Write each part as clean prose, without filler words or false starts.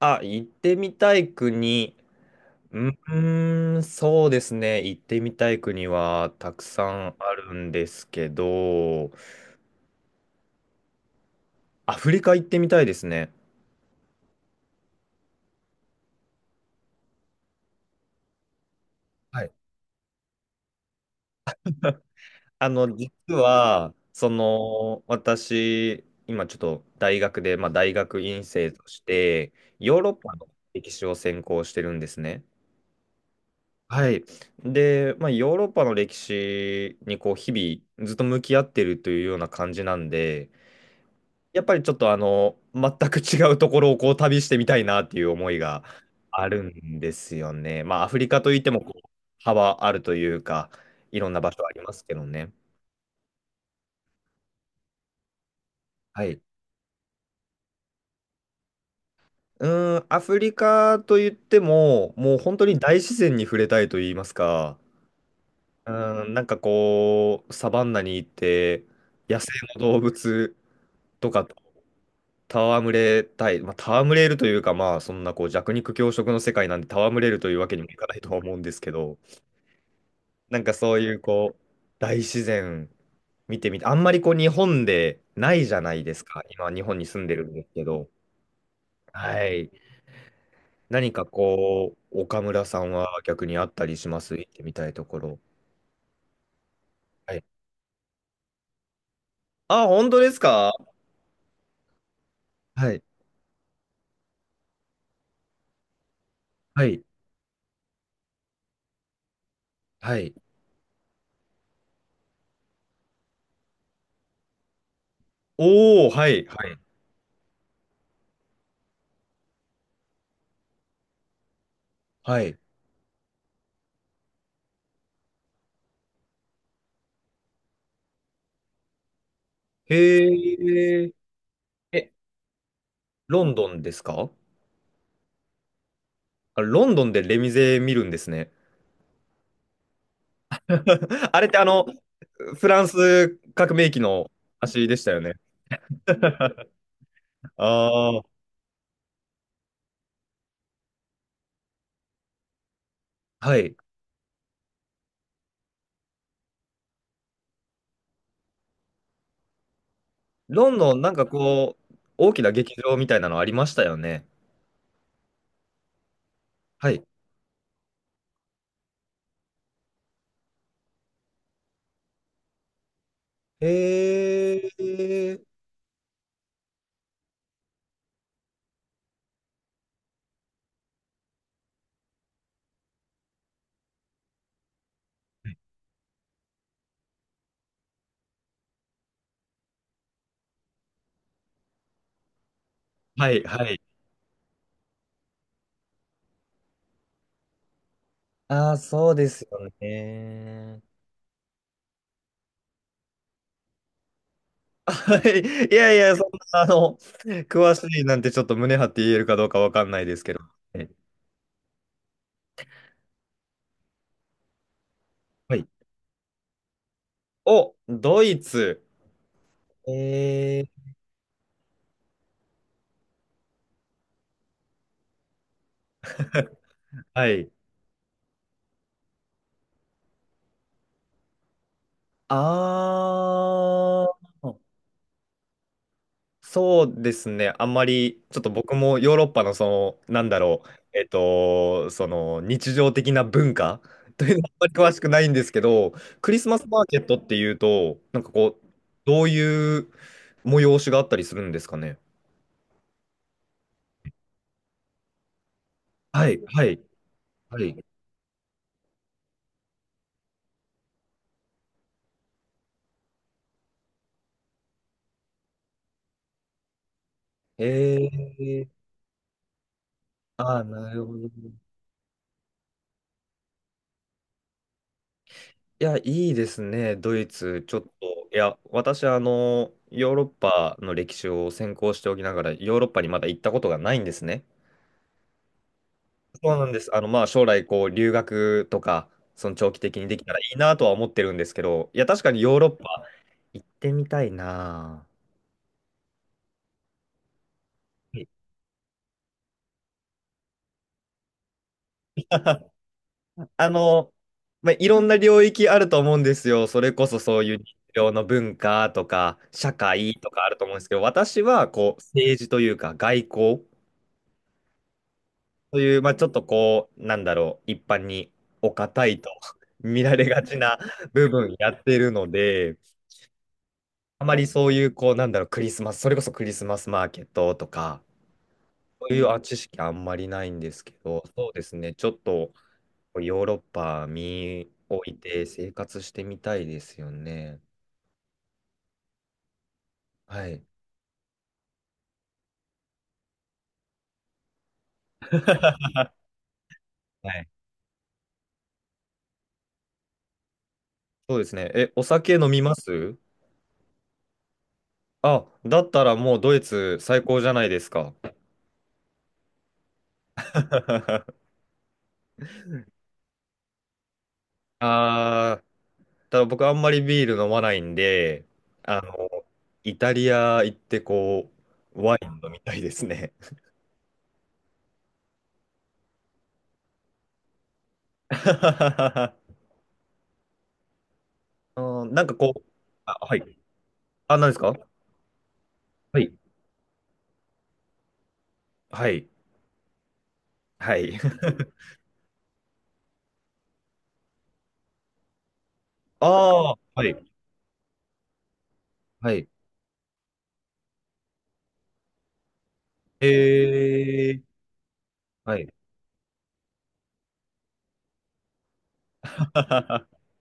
あ、行ってみたい国。うーん、そうですね。行ってみたい国はたくさんあるんですけど、アフリカ行ってみたいですね。はい。実は、私、今ちょっと大学で、まあ、大学院生として、ヨーロッパの歴史を専攻してるんですね。はい。で、まあ、ヨーロッパの歴史にこう、日々ずっと向き合ってるというような感じなんで、やっぱりちょっと全く違うところをこう旅してみたいなっていう思いがあるんですよね。まあ、アフリカといってもこう幅あるというか、いろんな場所ありますけどね。はい。うーん、アフリカといっても、もう本当に大自然に触れたいと言いますか、うーん、なんかこう、サバンナに行って、野生の動物とかと戯れたい、まあ、戯れるというか、まあ、そんなこう弱肉強食の世界なんで戯れるというわけにもいかないとは思うんですけど、なんかそういうこう、大自然見てみて、あんまりこう日本でないじゃないですか。今日本に住んでるんですけど。はい。何かこう、岡村さんは逆にあったりします？行ってみたいところ。はい。あ、本当ですか？はい。はい。はい。おー、はい。はい。はい。へー。え、ロンドンですか？あロンドンでレミゼ見るんですね。あれってフランス革命期の足でしたよね。ああ、はい。ロンドン、なんかこう、大きな劇場みたいなのありましたよね。はい。ええ。はい、はい。ああー、そうですよね。はい。いやいや、そんな、詳しいなんてちょっと胸張って言えるかどうかわかんないですけど。はい。はい。お、ドイツ。ええ。はい。ああー。そうですね。あんまり、ちょっと僕もヨーロッパのその、なんだろう、その日常的な文化 というのはあんまり詳しくないんですけど、クリスマスマーケットっていうと、なんかこう、どういう催しがあったりするんですかね。はい、はい、はい。えー、ああ、なるほど。いや、いいですね、ドイツ。ちょっと、いや、私、ヨーロッパの歴史を専攻しておきながら、ヨーロッパにまだ行ったことがないんですね。そうなんです。まあ、将来、こう、留学とか、その長期的にできたらいいなとは思ってるんですけど、いや、確かにヨーロッパ行ってみたいな。はい。あの、まあ、いろんな領域あると思うんですよ。それこそそういう日常の文化とか、社会とかあると思うんですけど、私は、こう、政治というか、外交という、まあ、ちょっとこう、なんだろう、一般にお堅いと 見られがちな部分やってるので、あまりそういう、こう、なんだろう、クリスマス、それこそクリスマスマーケットとか、そういうあ知識あんまりないんですけど、そうですね、ちょっとヨーロッパ見置いて生活してみたいですよね。はい。はい。そうですね。え、お酒飲みます？あ、だったらもうドイツ最高じゃないですか。あー、ただ僕あんまりビール飲まないんで、あの、イタリア行ってこう、ワイン飲みたいですね。うん、なんかこう、あ、はい。あ、何ですか？はい。はい。はい。ああ、はい。はい。えー。はい。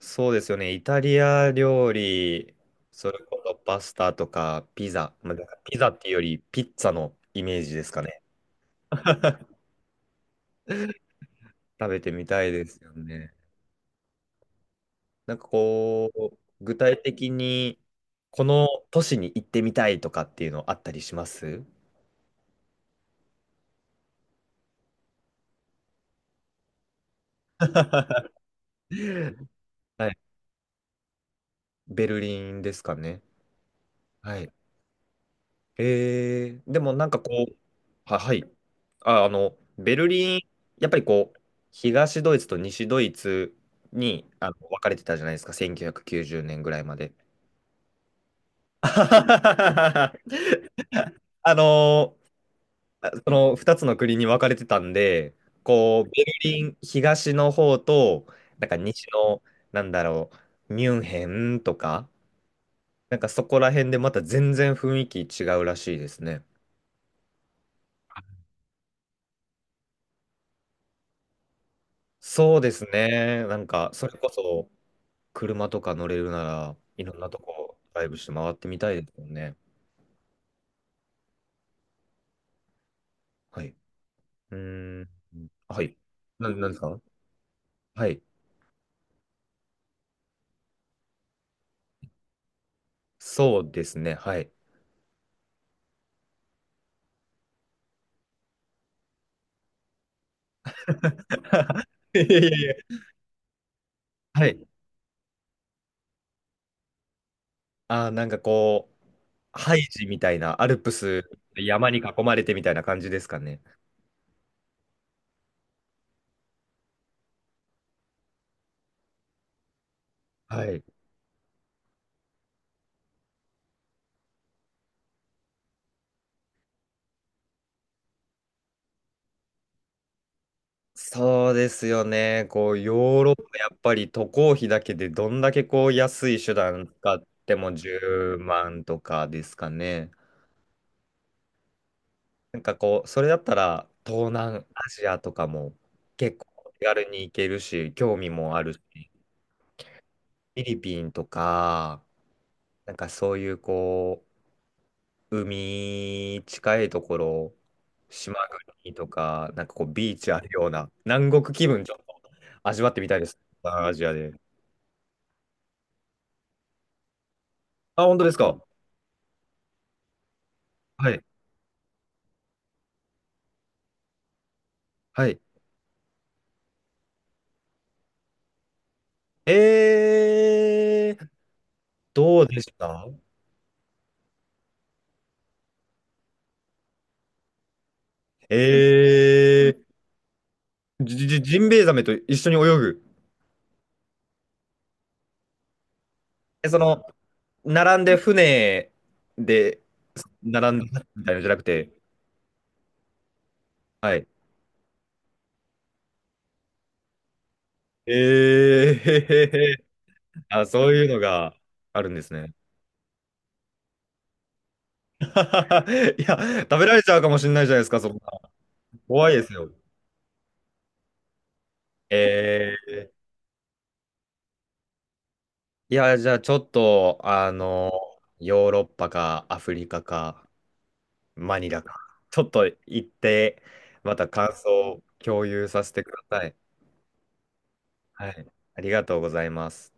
そうですよね。イタリア料理、それこそパスタとかピザ、まあ、だからピザっていうよりピッツァのイメージですかね。食べてみたいですよね。なんかこう、具体的にこの都市に行ってみたいとかっていうのあったりします？ はい。ベルリンですかね。はい。えー、でもなんかこう、は、はい。あ、ベルリン、やっぱりこう、東ドイツと西ドイツにあの分かれてたじゃないですか、1990年ぐらいまで。あのその2つの国に分かれてたんで、こう、ベルリン東の方と、なんか西の、なんだろう、ミュンヘンとか、なんかそこら辺でまた全然雰囲気違うらしいですね。そうですね。なんか、それこそ、車とか乗れるなら、いろんなとこ、ドライブして回ってみたいですもんね。はい。うーん。はい。な、なんですか？はい。そうですね。はい。いやいやいや。はい。あー、なんかこう、ハイジみたいな、アルプス、山に囲まれてみたいな感じですかね。はい。そうですよね。こう、ヨーロッパ、やっぱり渡航費だけでどんだけこう安い手段使っても10万とかですかね。なんかこう、それだったら東南アジアとかも結構手軽に行けるし、興味もあるし、フィリピンとか、なんかそういうこう、海近いところ、島国とか、なんかこう、ビーチあるような、南国気分ちょっと味わってみたいです。東南アジアで。あ、本当ですか。はい。はい。えー、どうでした？えー、じ、じ、ジンベエザメと一緒に泳ぐ。え、その、並んで船で、並んでみたいなのじゃなくて、はい。えー、へへへ。あ、そういうのがあるんですね。いや、食べられちゃうかもしれないじゃないですか、そんな。怖いですよ。えー、いや、じゃあちょっと、あの、ヨーロッパかアフリカか、マニラか。ちょっと行って、また感想を共有させてください。はい。ありがとうございます。